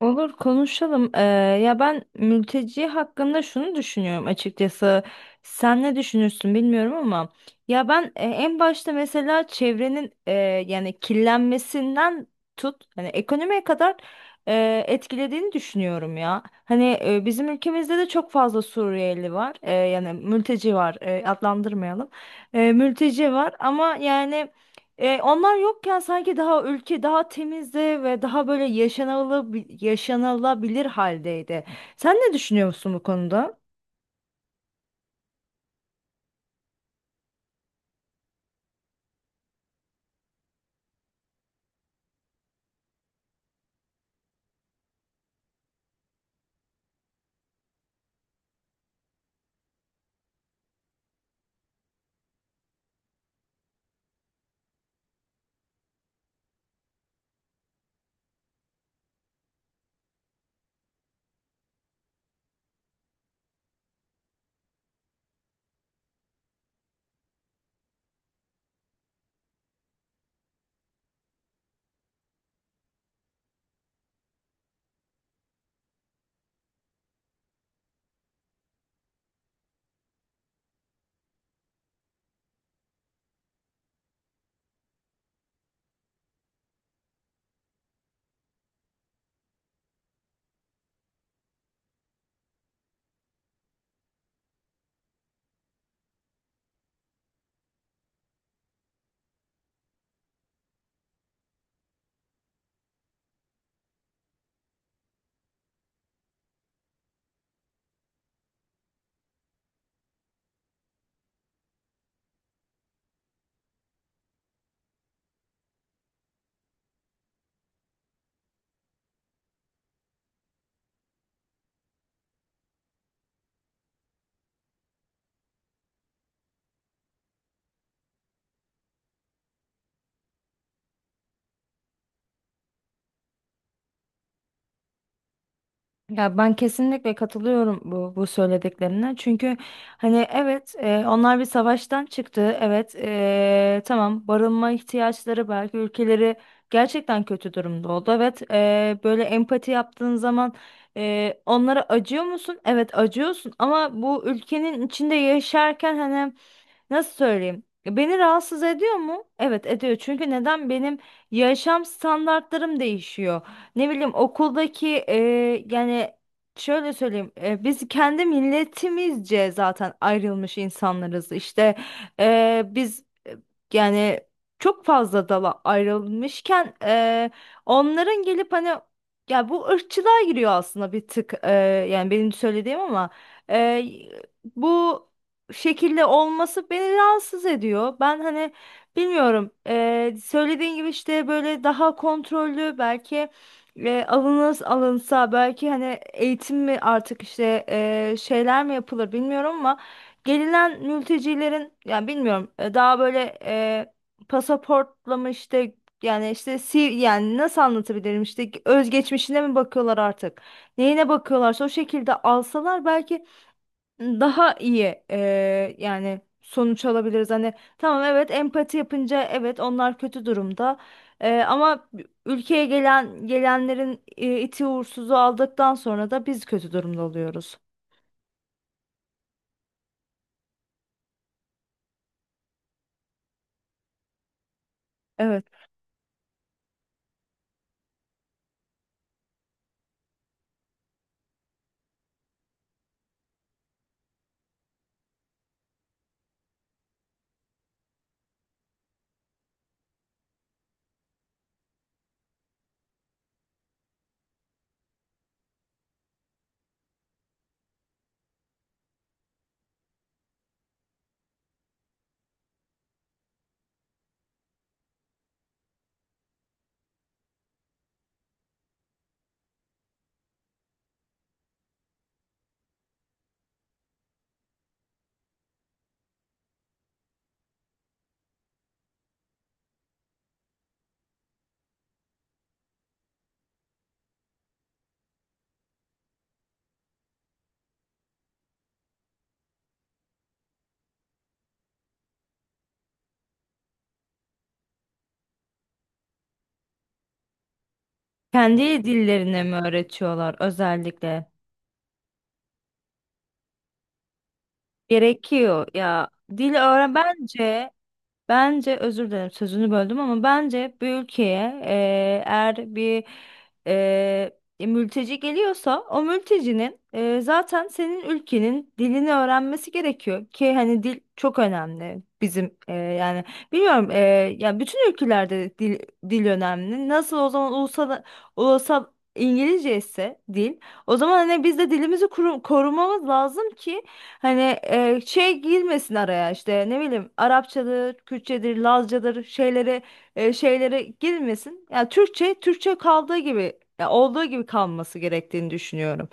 Olur konuşalım. Ya ben mülteci hakkında şunu düşünüyorum açıkçası. Sen ne düşünürsün bilmiyorum ama ya ben en başta mesela çevrenin yani kirlenmesinden tut hani ekonomiye kadar etkilediğini düşünüyorum ya. Hani bizim ülkemizde de çok fazla Suriyeli var. E, yani mülteci var. E, adlandırmayalım. Mülteci var ama yani onlar yokken sanki daha ülke daha temizdi ve daha böyle yaşanılabilir haldeydi. Sen ne düşünüyorsun bu konuda? Ya ben kesinlikle katılıyorum bu söylediklerine. Çünkü hani evet, onlar bir savaştan çıktı. Evet, tamam, barınma ihtiyaçları belki ülkeleri gerçekten kötü durumda oldu. Evet, böyle empati yaptığın zaman onlara acıyor musun? Evet, acıyorsun ama bu ülkenin içinde yaşarken hani nasıl söyleyeyim? Beni rahatsız ediyor mu? Evet, ediyor. Çünkü neden benim yaşam standartlarım değişiyor, ne bileyim okuldaki yani şöyle söyleyeyim, biz kendi milletimizce zaten ayrılmış insanlarız işte, biz yani çok fazla dala ayrılmışken onların gelip hani, ya bu ırkçılığa giriyor aslında bir tık, yani benim söylediğim ama e, bu şekilde olması beni rahatsız ediyor, ben hani bilmiyorum. Söylediğin gibi işte böyle daha kontrollü belki ve alınsa belki hani eğitim mi artık işte, şeyler mi yapılır bilmiyorum ama gelinen mültecilerin, yani bilmiyorum, daha böyle pasaportla mı işte, yani işte si yani nasıl anlatabilirim, işte özgeçmişine mi bakıyorlar artık, neyine bakıyorlarsa o şekilde alsalar belki daha iyi yani sonuç alabiliriz. Hani tamam, evet, empati yapınca evet, onlar kötü durumda. Ama ülkeye gelenlerin iti uğursuzu aldıktan sonra da biz kötü durumda oluyoruz. Evet. Kendi dillerini mi öğretiyorlar özellikle? Gerekiyor ya. Dil öğren bence. Bence, özür dilerim sözünü böldüm, ama bence bir ülkeye eğer bir eee, mülteci geliyorsa, o mültecinin zaten senin ülkenin dilini öğrenmesi gerekiyor ki, hani dil çok önemli bizim. Yani bilmiyorum, ya bütün ülkelerde dil önemli. Nasıl o zaman ulusal İngilizce ise dil, o zaman hani biz de dilimizi korumamız lazım ki hani şey girmesin araya, işte ne bileyim Arapçadır, Kürtçedir, Lazcadır şeylere, şeylere girmesin. Yani Türkçe kaldığı gibi, ya olduğu gibi kalması gerektiğini düşünüyorum.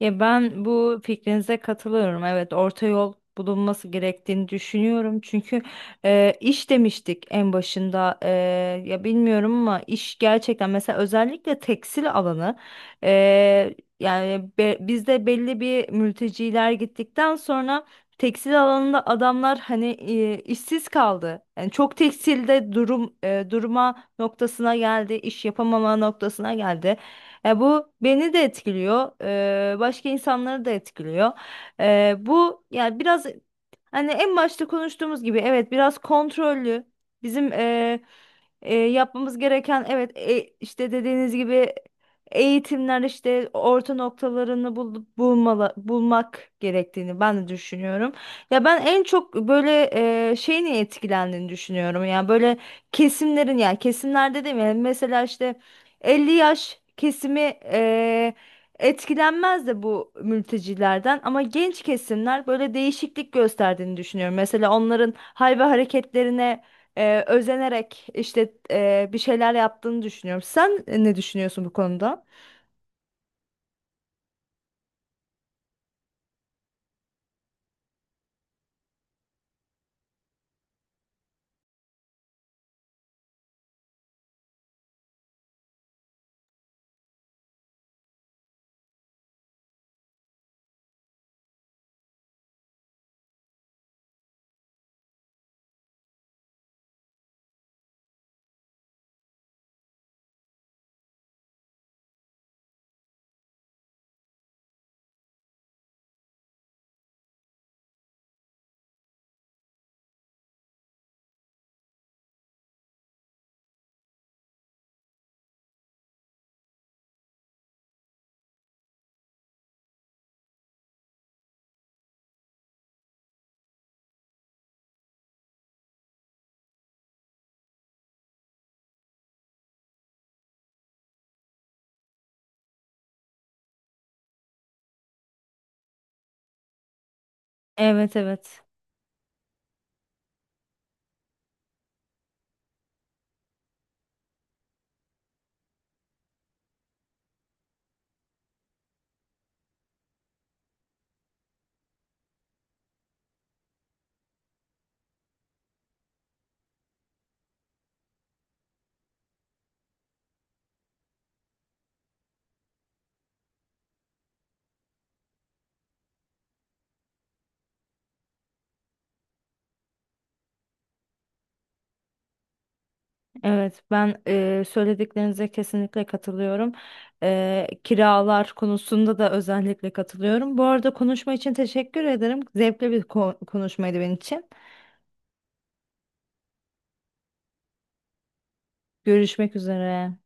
Ya ben bu fikrinize katılıyorum. Evet, orta yol bulunması gerektiğini düşünüyorum. Çünkü iş demiştik en başında. Ya bilmiyorum ama iş gerçekten, mesela özellikle tekstil alanı, e, yani bizde belli bir, mülteciler gittikten sonra tekstil alanında adamlar hani işsiz kaldı. Yani çok tekstilde durum, durma noktasına geldi, iş yapamama noktasına geldi. E, bu beni de etkiliyor, başka insanları da etkiliyor. Bu yani biraz, hani en başta konuştuğumuz gibi evet, biraz kontrollü. Bizim yapmamız gereken, evet, işte dediğiniz gibi eğitimler, işte orta noktalarını bulmalı, bulmak gerektiğini ben de düşünüyorum. Ya ben en çok böyle şeyin etkilendiğini düşünüyorum. Yani böyle kesimlerin, yani kesimlerde değil mi? Mesela işte 50 yaş kesimi etkilenmez de bu mültecilerden, ama genç kesimler böyle değişiklik gösterdiğini düşünüyorum. Mesela onların hal ve hareketlerine özenerek işte bir şeyler yaptığını düşünüyorum. Sen ne düşünüyorsun bu konuda? Evet, evet. Evet, ben söylediklerinize kesinlikle katılıyorum. E, kiralar konusunda da özellikle katılıyorum. Bu arada konuşma için teşekkür ederim. Zevkli bir konuşmaydı benim için. Görüşmek üzere.